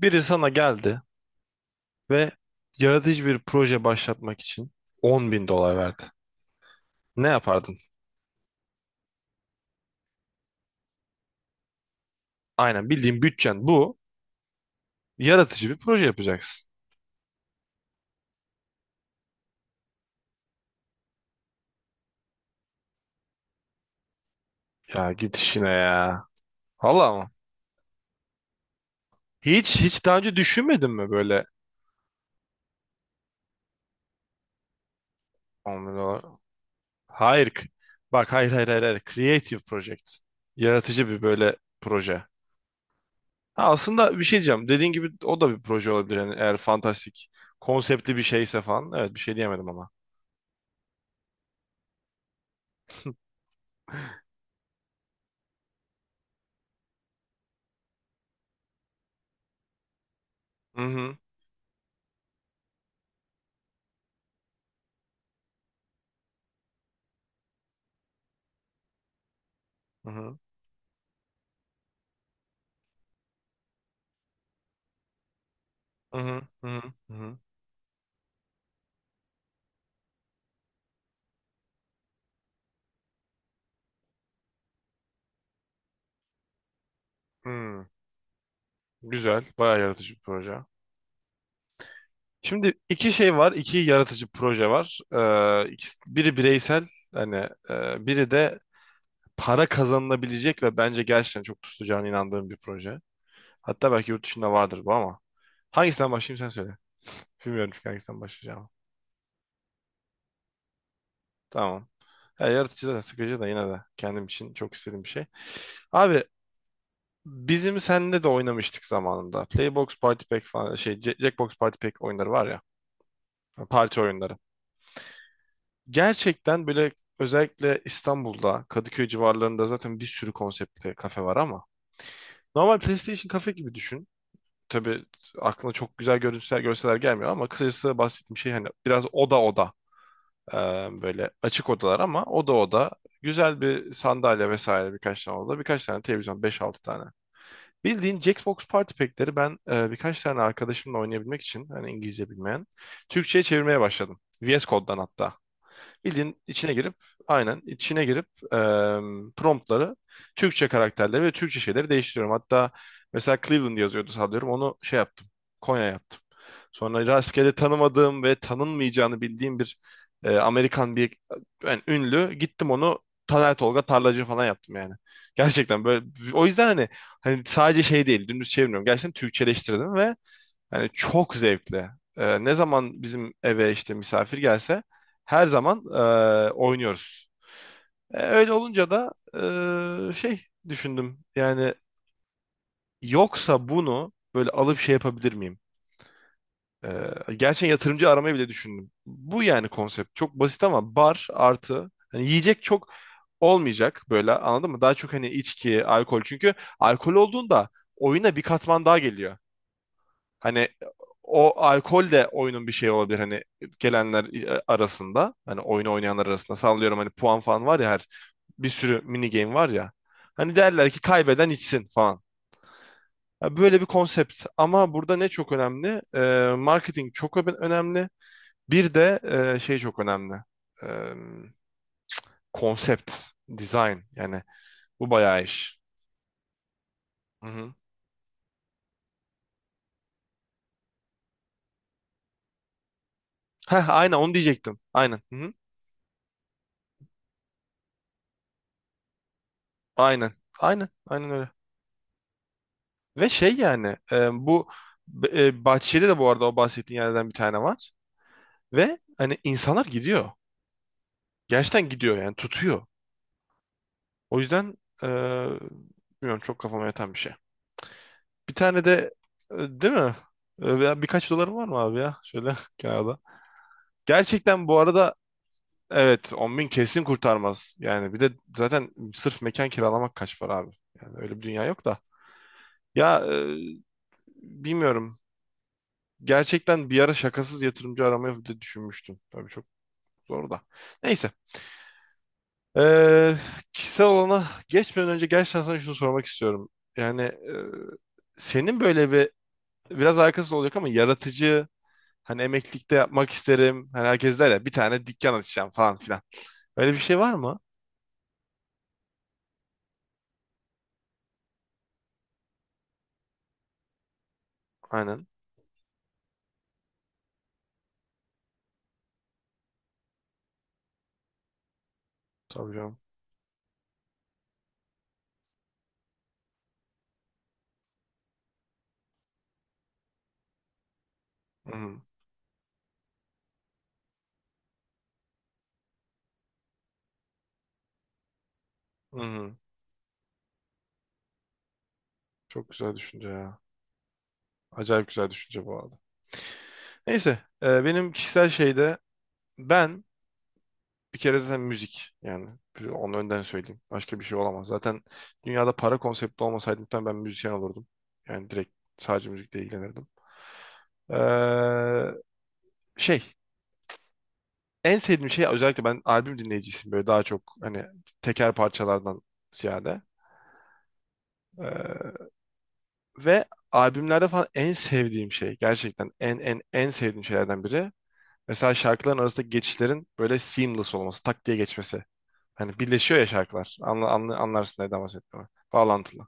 Biri sana geldi ve yaratıcı bir proje başlatmak için 10.000 dolar verdi. Ne yapardın? Aynen, bildiğin bütçen bu. Yaratıcı bir proje yapacaksın. Ya git işine ya. Valla mı? Hiç daha önce düşünmedin mi böyle 10.000 dolar? Hayır. Bak, hayır, hayır, hayır. Hayır. Creative project. Yaratıcı bir böyle proje. Ha, aslında bir şey diyeceğim. Dediğin gibi o da bir proje olabilir. Yani eğer fantastik konseptli bir şeyse falan. Evet, bir şey diyemedim ama. Hı hı. Hı hı. Hı hı. Hı hı. Hı hı. Hmm, güzel. Bayağı yaratıcı bir proje. Şimdi iki şey var. İki yaratıcı proje var. Biri bireysel, hani, biri de para kazanılabilecek ve bence gerçekten çok tutacağına inandığım bir proje. Hatta belki yurt dışında vardır bu ama. Hangisinden başlayayım, sen söyle. Bilmiyorum çünkü hangisinden başlayacağım. Tamam. Ya, yaratıcı da sıkıcı da yine de kendim için çok istediğim bir şey. Abi, bizim seninle de oynamıştık zamanında. Playbox Party Pack falan, şey, Jackbox Party Pack oyunları var ya. Parti oyunları. Gerçekten böyle, özellikle İstanbul'da, Kadıköy civarlarında zaten bir sürü konseptli kafe var ama normal PlayStation kafe gibi düşün. Tabii aklına çok güzel görüntüler, görseler gelmiyor ama kısacası bahsettiğim şey hani biraz oda oda, e, böyle açık odalar ama oda oda güzel bir sandalye vesaire, birkaç tane oda, birkaç tane televizyon, beş altı tane. Bildiğin Jackbox Party Pack'leri ben, birkaç tane arkadaşımla oynayabilmek için, hani İngilizce bilmeyen, Türkçe'ye çevirmeye başladım. VS Code'dan hatta. Bildiğin içine girip, aynen içine girip, promptları, Türkçe karakterleri ve Türkçe şeyleri değiştiriyorum. Hatta mesela Cleveland yazıyordu sanıyorum, onu şey yaptım, Konya yaptım. Sonra rastgele tanımadığım ve tanınmayacağını bildiğim bir, Amerikan bir, yani ünlü gittim, onu Taner Tolga Tarlacı falan yaptım yani. Gerçekten böyle, o yüzden hani sadece şey değil, dümdüz çevirmiyorum. Gerçekten Türkçeleştirdim ve yani çok zevkli. Ne zaman bizim eve işte misafir gelse her zaman oynuyoruz. Öyle olunca da şey düşündüm. Yani yoksa bunu böyle alıp şey yapabilir miyim? Gerçekten yatırımcı aramayı bile düşündüm. Bu yani konsept. Çok basit ama bar artı hani yiyecek çok olmayacak, böyle, anladın mı? Daha çok hani içki, alkol. Çünkü alkol olduğunda oyuna bir katman daha geliyor. Hani o alkol de oyunun bir şeyi olabilir, hani gelenler, arasında, hani oyunu oynayanlar arasında, sallıyorum, hani puan falan var ya, her, bir sürü mini game var ya. Hani derler ki kaybeden içsin falan. Ya, böyle bir konsept ama burada ne çok önemli? Marketing çok önemli. Bir de şey çok önemli. Ee, Konsept, design, yani bu bayağı iş. Hı hı. Heh, aynen onu diyecektim. Aynen. Hı hı. Aynen. Aynen. Aynen öyle. Ve şey, yani, bu Bahçeli'de de bu arada o bahsettiğin yerden bir tane var. Ve hani insanlar gidiyor. Gerçekten gidiyor yani, tutuyor. O yüzden e, bilmiyorum, çok kafama yatan bir şey. Bir tane de değil mi? Ya, birkaç dolarım var mı abi ya? Şöyle kenarda. Gerçekten bu arada evet, 10.000 kesin kurtarmaz. Yani bir de zaten sırf mekan kiralamak kaç para abi? Yani öyle bir dünya yok da. Ya, bilmiyorum. Gerçekten bir ara şakasız yatırımcı aramayı da düşünmüştüm. Tabii çok zor da. Neyse. Ee, Kişisel alana geçmeden önce gerçekten sana şunu sormak istiyorum. Yani, senin böyle bir, biraz alakasız olacak ama, yaratıcı, hani emeklilikte yapmak isterim. Hani herkes der ya, bir tane dükkan açacağım falan filan. Öyle bir şey var mı? Aynen. Tabii canım. Hı hı. Hı hı. Çok güzel düşünce ya. Acayip güzel düşünce bu arada. Neyse, benim kişisel şeyde, ben bir kere zaten müzik, yani, onu önden söyleyeyim. Başka bir şey olamaz. Zaten dünyada para konsepti olmasaydı muhtemelen ben müzisyen olurdum. Yani direkt sadece müzikle ilgilenirdim. Eee, Şey, en sevdiğim şey, özellikle ben albüm dinleyicisiyim, böyle daha çok, hani teker parçalardan ziyade. Eee, Ve albümlerde falan en sevdiğim şey, gerçekten en en en sevdiğim şeylerden biri, mesela şarkıların arasındaki geçişlerin böyle seamless olması, tak diye geçmesi. Hani birleşiyor ya şarkılar. Anlarsın neden bahsettiğimi. Bağlantılı.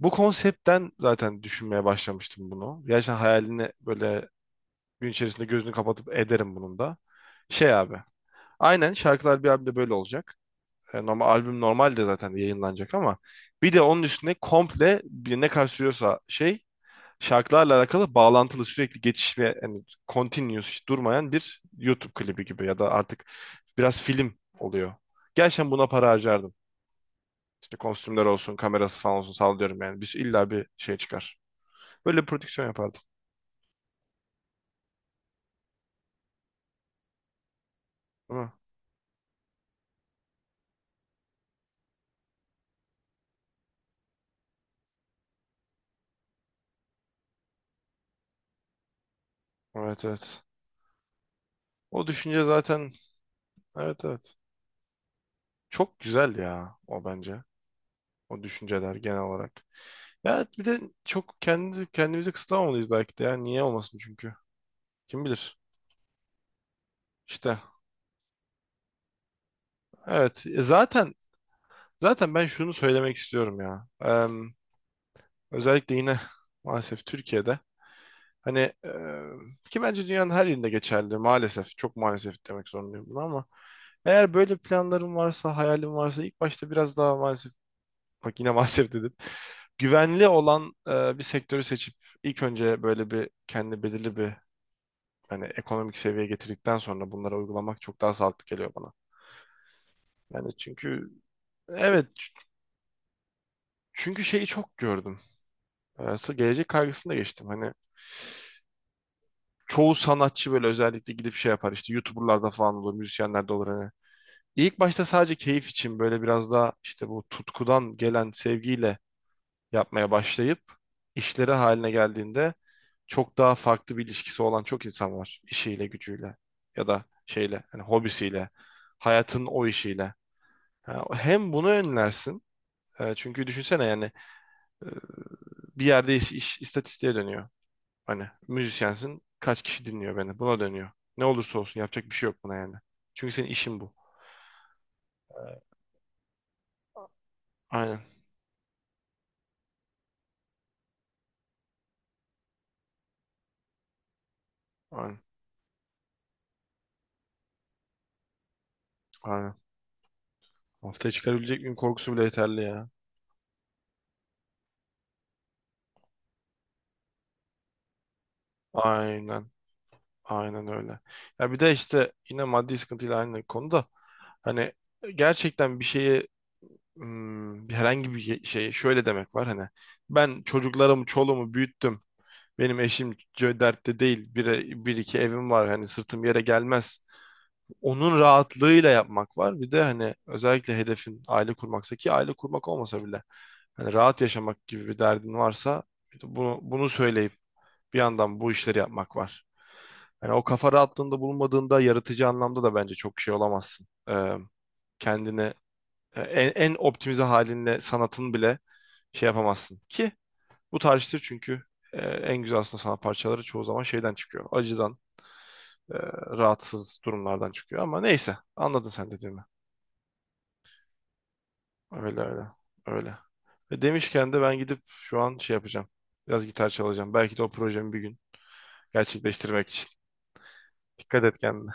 Bu konseptten zaten düşünmeye başlamıştım bunu. Gerçekten hayalini böyle gün içerisinde gözünü kapatıp ederim bunun da. Şey abi. Aynen, şarkılar bir albümde böyle olacak. Normal albüm normalde zaten yayınlanacak ama bir de onun üstüne komple bir, ne kadar sürüyorsa, şey, şarkılarla alakalı bağlantılı sürekli geçiş ve hani continuous, hiç durmayan bir YouTube klibi gibi, ya da artık biraz film oluyor. Gerçekten buna para harcardım. İşte kostümler olsun, kamerası falan olsun, sallıyorum yani. Biz illa bir şey çıkar. Böyle bir prodüksiyon yapardım. Değil mi? Evet, evet. O düşünce zaten. Evet, evet. Çok güzel ya o, bence. O düşünceler genel olarak. Ya bir de çok kendi kendimizi kısıtlamamalıyız belki de ya. Niye olmasın çünkü. Kim bilir. İşte evet. Zaten ben şunu söylemek istiyorum ya. Özellikle yine maalesef Türkiye'de, hani, ki bence dünyanın her yerinde geçerli maalesef. Çok maalesef demek zorundayım bunu ama eğer böyle planların varsa, hayalin varsa, ilk başta biraz daha, maalesef, bak yine maalesef dedim. Güvenli olan, bir sektörü seçip ilk önce böyle bir kendi belirli bir, hani ekonomik seviyeye getirdikten sonra bunları uygulamak çok daha sağlıklı geliyor bana. Yani çünkü evet, çünkü şeyi çok gördüm. Gelecek kaygısını da geçtim. Hani çoğu sanatçı, böyle özellikle gidip şey yapar, işte YouTuber'larda falan olur, müzisyenlerde olur hani. İlk başta sadece keyif için, böyle biraz daha işte bu tutkudan gelen sevgiyle yapmaya başlayıp işleri haline geldiğinde çok daha farklı bir ilişkisi olan çok insan var. İşiyle, gücüyle, ya da şeyle, hani hobisiyle, hayatın o işiyle. Ha, hem bunu önlersin, çünkü düşünsene yani, e, bir yerde iş istatistiğe dönüyor. Hani müzisyensin. Kaç kişi dinliyor beni? Buna dönüyor. Ne olursa olsun yapacak bir şey yok buna yani. Çünkü senin işin bu. Aynen. Aynen. Aynen. Haftaya çıkarabilecek miyim korkusu bile yeterli ya. Aynen. Aynen öyle. Ya bir de işte yine maddi sıkıntıyla aynı konuda, hani gerçekten bir şeye, bir herhangi bir şeye şöyle demek var: hani ben çocuklarımı, çoluğumu büyüttüm. Benim eşim dertte değil. Bir iki evim var. Hani sırtım yere gelmez. Onun rahatlığıyla yapmak var. Bir de hani özellikle hedefin aile kurmaksa, ki aile kurmak olmasa bile hani rahat yaşamak gibi bir derdin varsa, bunu söyleyip bir yandan bu işleri yapmak var. Hani o kafa rahatlığında bulunmadığında yaratıcı anlamda da bence çok şey olamazsın. Kendini en optimize halinle sanatın bile şey yapamazsın. Ki bu tarihtir çünkü, en güzel aslında sanat parçaları çoğu zaman şeyden çıkıyor. Acıdan, e, rahatsız durumlardan çıkıyor ama neyse, anladın sen dediğimi. Öyle öyle öyle. Ve demişken de ben gidip şu an şey yapacağım. Biraz gitar çalacağım. Belki de o projemi bir gün gerçekleştirmek için. Dikkat et kendine.